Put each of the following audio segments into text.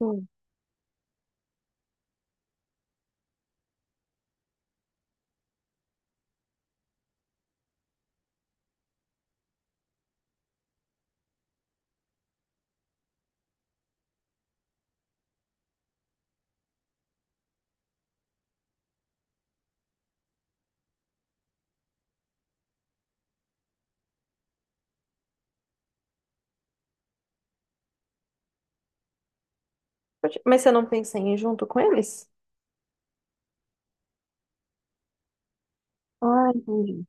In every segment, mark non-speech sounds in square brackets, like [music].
Hum. Mas você não pensa em ir junto com eles? Ah, entendi.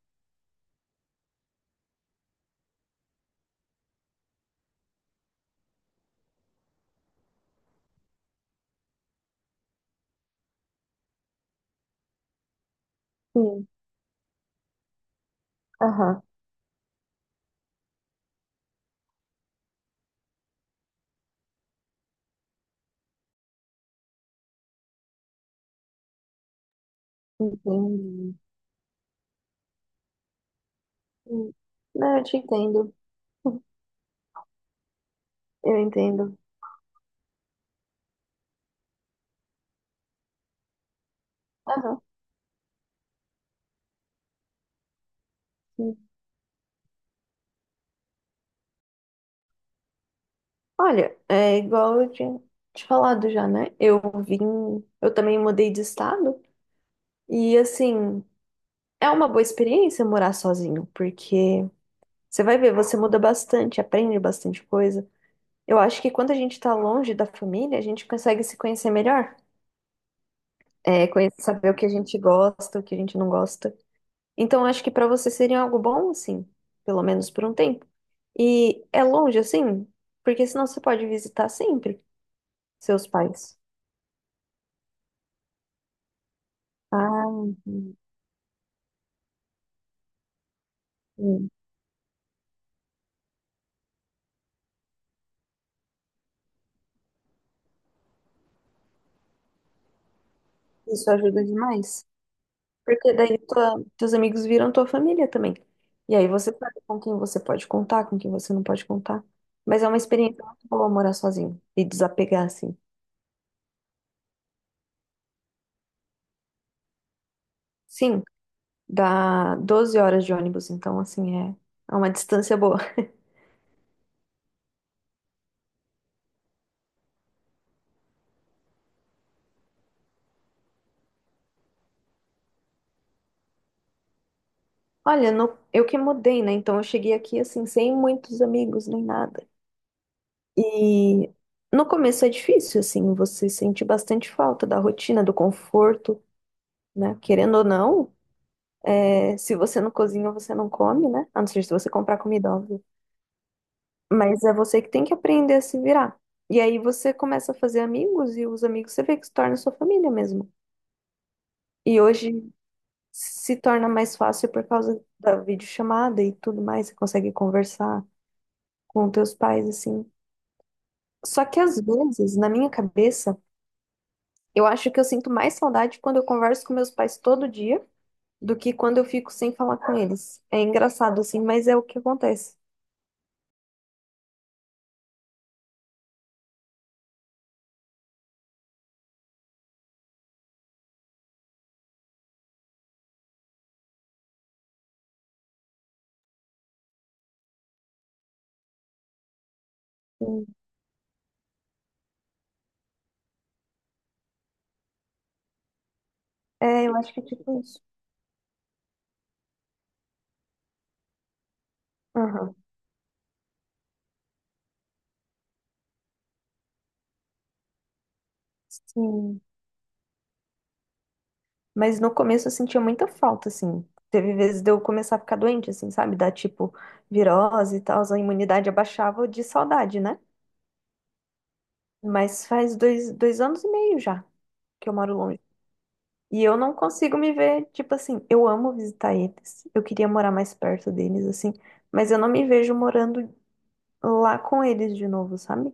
Sim. Aham. Entendi. Hum. Não, eu te entendo. [laughs] Eu entendo. Aham, sim. Olha, é igual eu tinha te falado já, né? Eu vim, eu também mudei de estado e assim, é uma boa experiência morar sozinho, porque você vai ver, você muda bastante, aprende bastante coisa. Eu acho que quando a gente tá longe da família, a gente consegue se conhecer melhor. É, conhecer, saber o que a gente gosta, o que a gente não gosta. Então, acho que para você seria algo bom, assim, pelo menos por um tempo. E é longe, assim, porque senão você pode visitar sempre seus pais. Ah, hum. Isso ajuda demais. Porque daí tua, teus amigos viram tua família também. E aí você sabe com quem você pode contar, com quem você não pode contar. Mas é uma experiência muito boa morar sozinho e desapegar, assim. Sim, dá 12 horas de ônibus, então, assim, é é uma distância boa. Olha, eu que mudei, né? Então eu cheguei aqui assim, sem muitos amigos nem nada. E no começo é difícil, assim, você sente bastante falta da rotina, do conforto, né? Querendo ou não, é, se você não cozinha, você não come, né? A não ser se você comprar comida, óbvio. Mas é você que tem que aprender a se virar. E aí você começa a fazer amigos e os amigos você vê que se torna sua família mesmo. E hoje se torna mais fácil por causa da videochamada e tudo mais, você consegue conversar com teus pais, assim. Só que às vezes, na minha cabeça, eu acho que eu sinto mais saudade quando eu converso com meus pais todo dia do que quando eu fico sem falar com eles. É engraçado, assim, mas é o que acontece. Sim. É, eu acho que é tipo isso. Aham. Sim. Mas no começo eu sentia muita falta, assim. Teve vezes de eu começar a ficar doente, assim, sabe? Dar tipo virose e tal, a imunidade abaixava de saudade, né? Mas faz dois anos e meio já que eu moro longe. E eu não consigo me ver, tipo assim, eu amo visitar eles, eu queria morar mais perto deles, assim, mas eu não me vejo morando lá com eles de novo, sabe?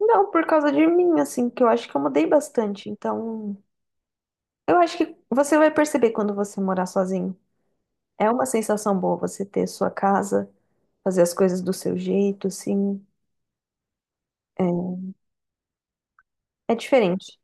Não, por causa de mim, assim, que eu acho que eu mudei bastante, então eu acho que você vai perceber quando você morar sozinho. É uma sensação boa você ter sua casa, fazer as coisas do seu jeito, assim, é é diferente.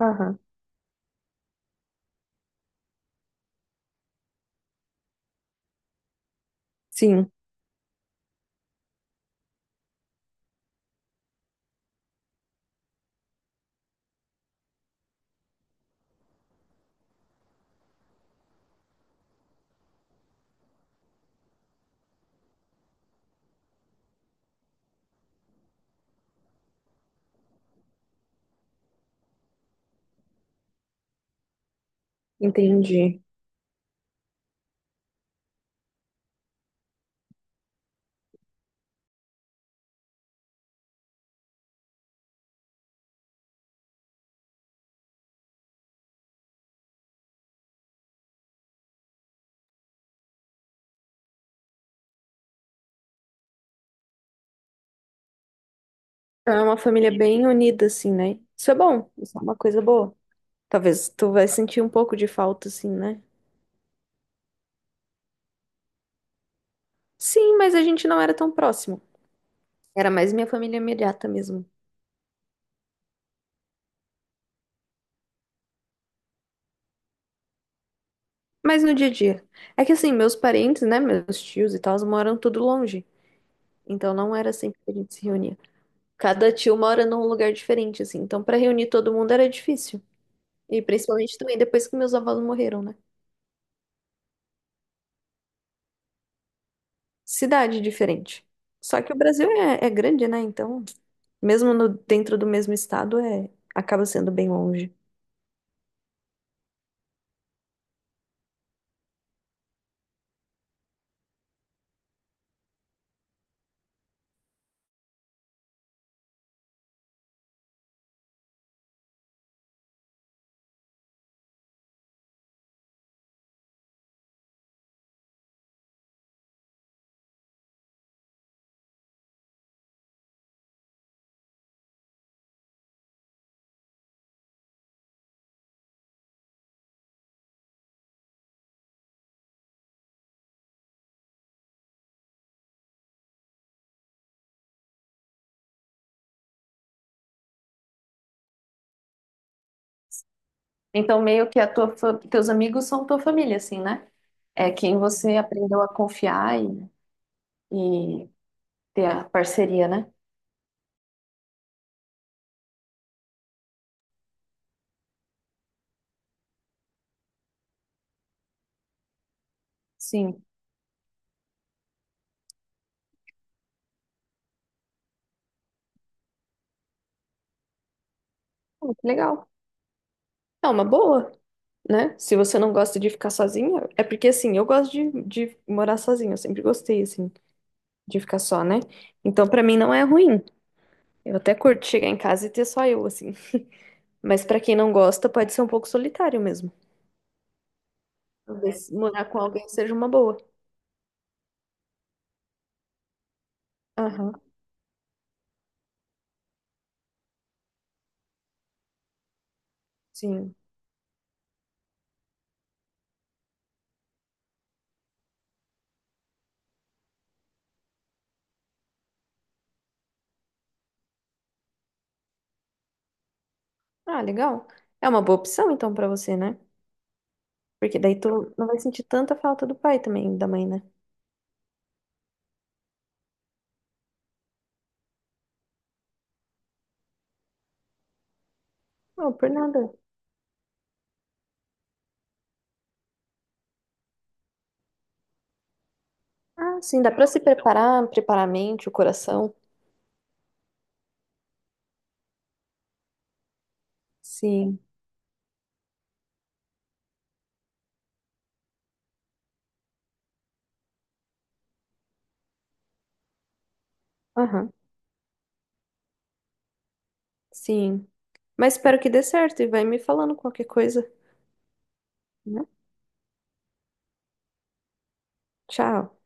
Aham. Sim, entendi. É uma família bem unida, assim, né? Isso é bom, isso é uma coisa boa. Talvez tu vai sentir um pouco de falta, assim, né? Sim, mas a gente não era tão próximo. Era mais minha família imediata mesmo. Mas no dia a dia. É que assim, meus parentes, né, meus tios e tal, moram tudo longe. Então não era sempre que a gente se reunia. Cada tio mora num lugar diferente, assim. Então pra reunir todo mundo era difícil. E principalmente também depois que meus avós morreram, né? Cidade diferente. Só que o Brasil é, é grande, né? Então, mesmo dentro do mesmo estado, é, acaba sendo bem longe. Então, meio que a tua, teus amigos são tua família, assim, né? É quem você aprendeu a confiar e ter a parceria, né? Sim. Pô, que legal. É uma boa, né? Se você não gosta de ficar sozinha, é porque assim, eu gosto de morar sozinha, eu sempre gostei, assim, de ficar só, né? Então, pra mim não é ruim. Eu até curto chegar em casa e ter só eu, assim. Mas pra quem não gosta, pode ser um pouco solitário mesmo. Talvez morar com alguém seja uma boa. Aham, sim. Ah, legal. É uma boa opção então pra você, né? Porque daí tu não vai sentir tanta falta do pai também, da mãe, né? Não, por nada. Ah, sim, dá pra se preparar, preparar a mente, o coração. Sim. Aham, sim. Mas espero que dê certo e vai me falando qualquer coisa, né? Tchau.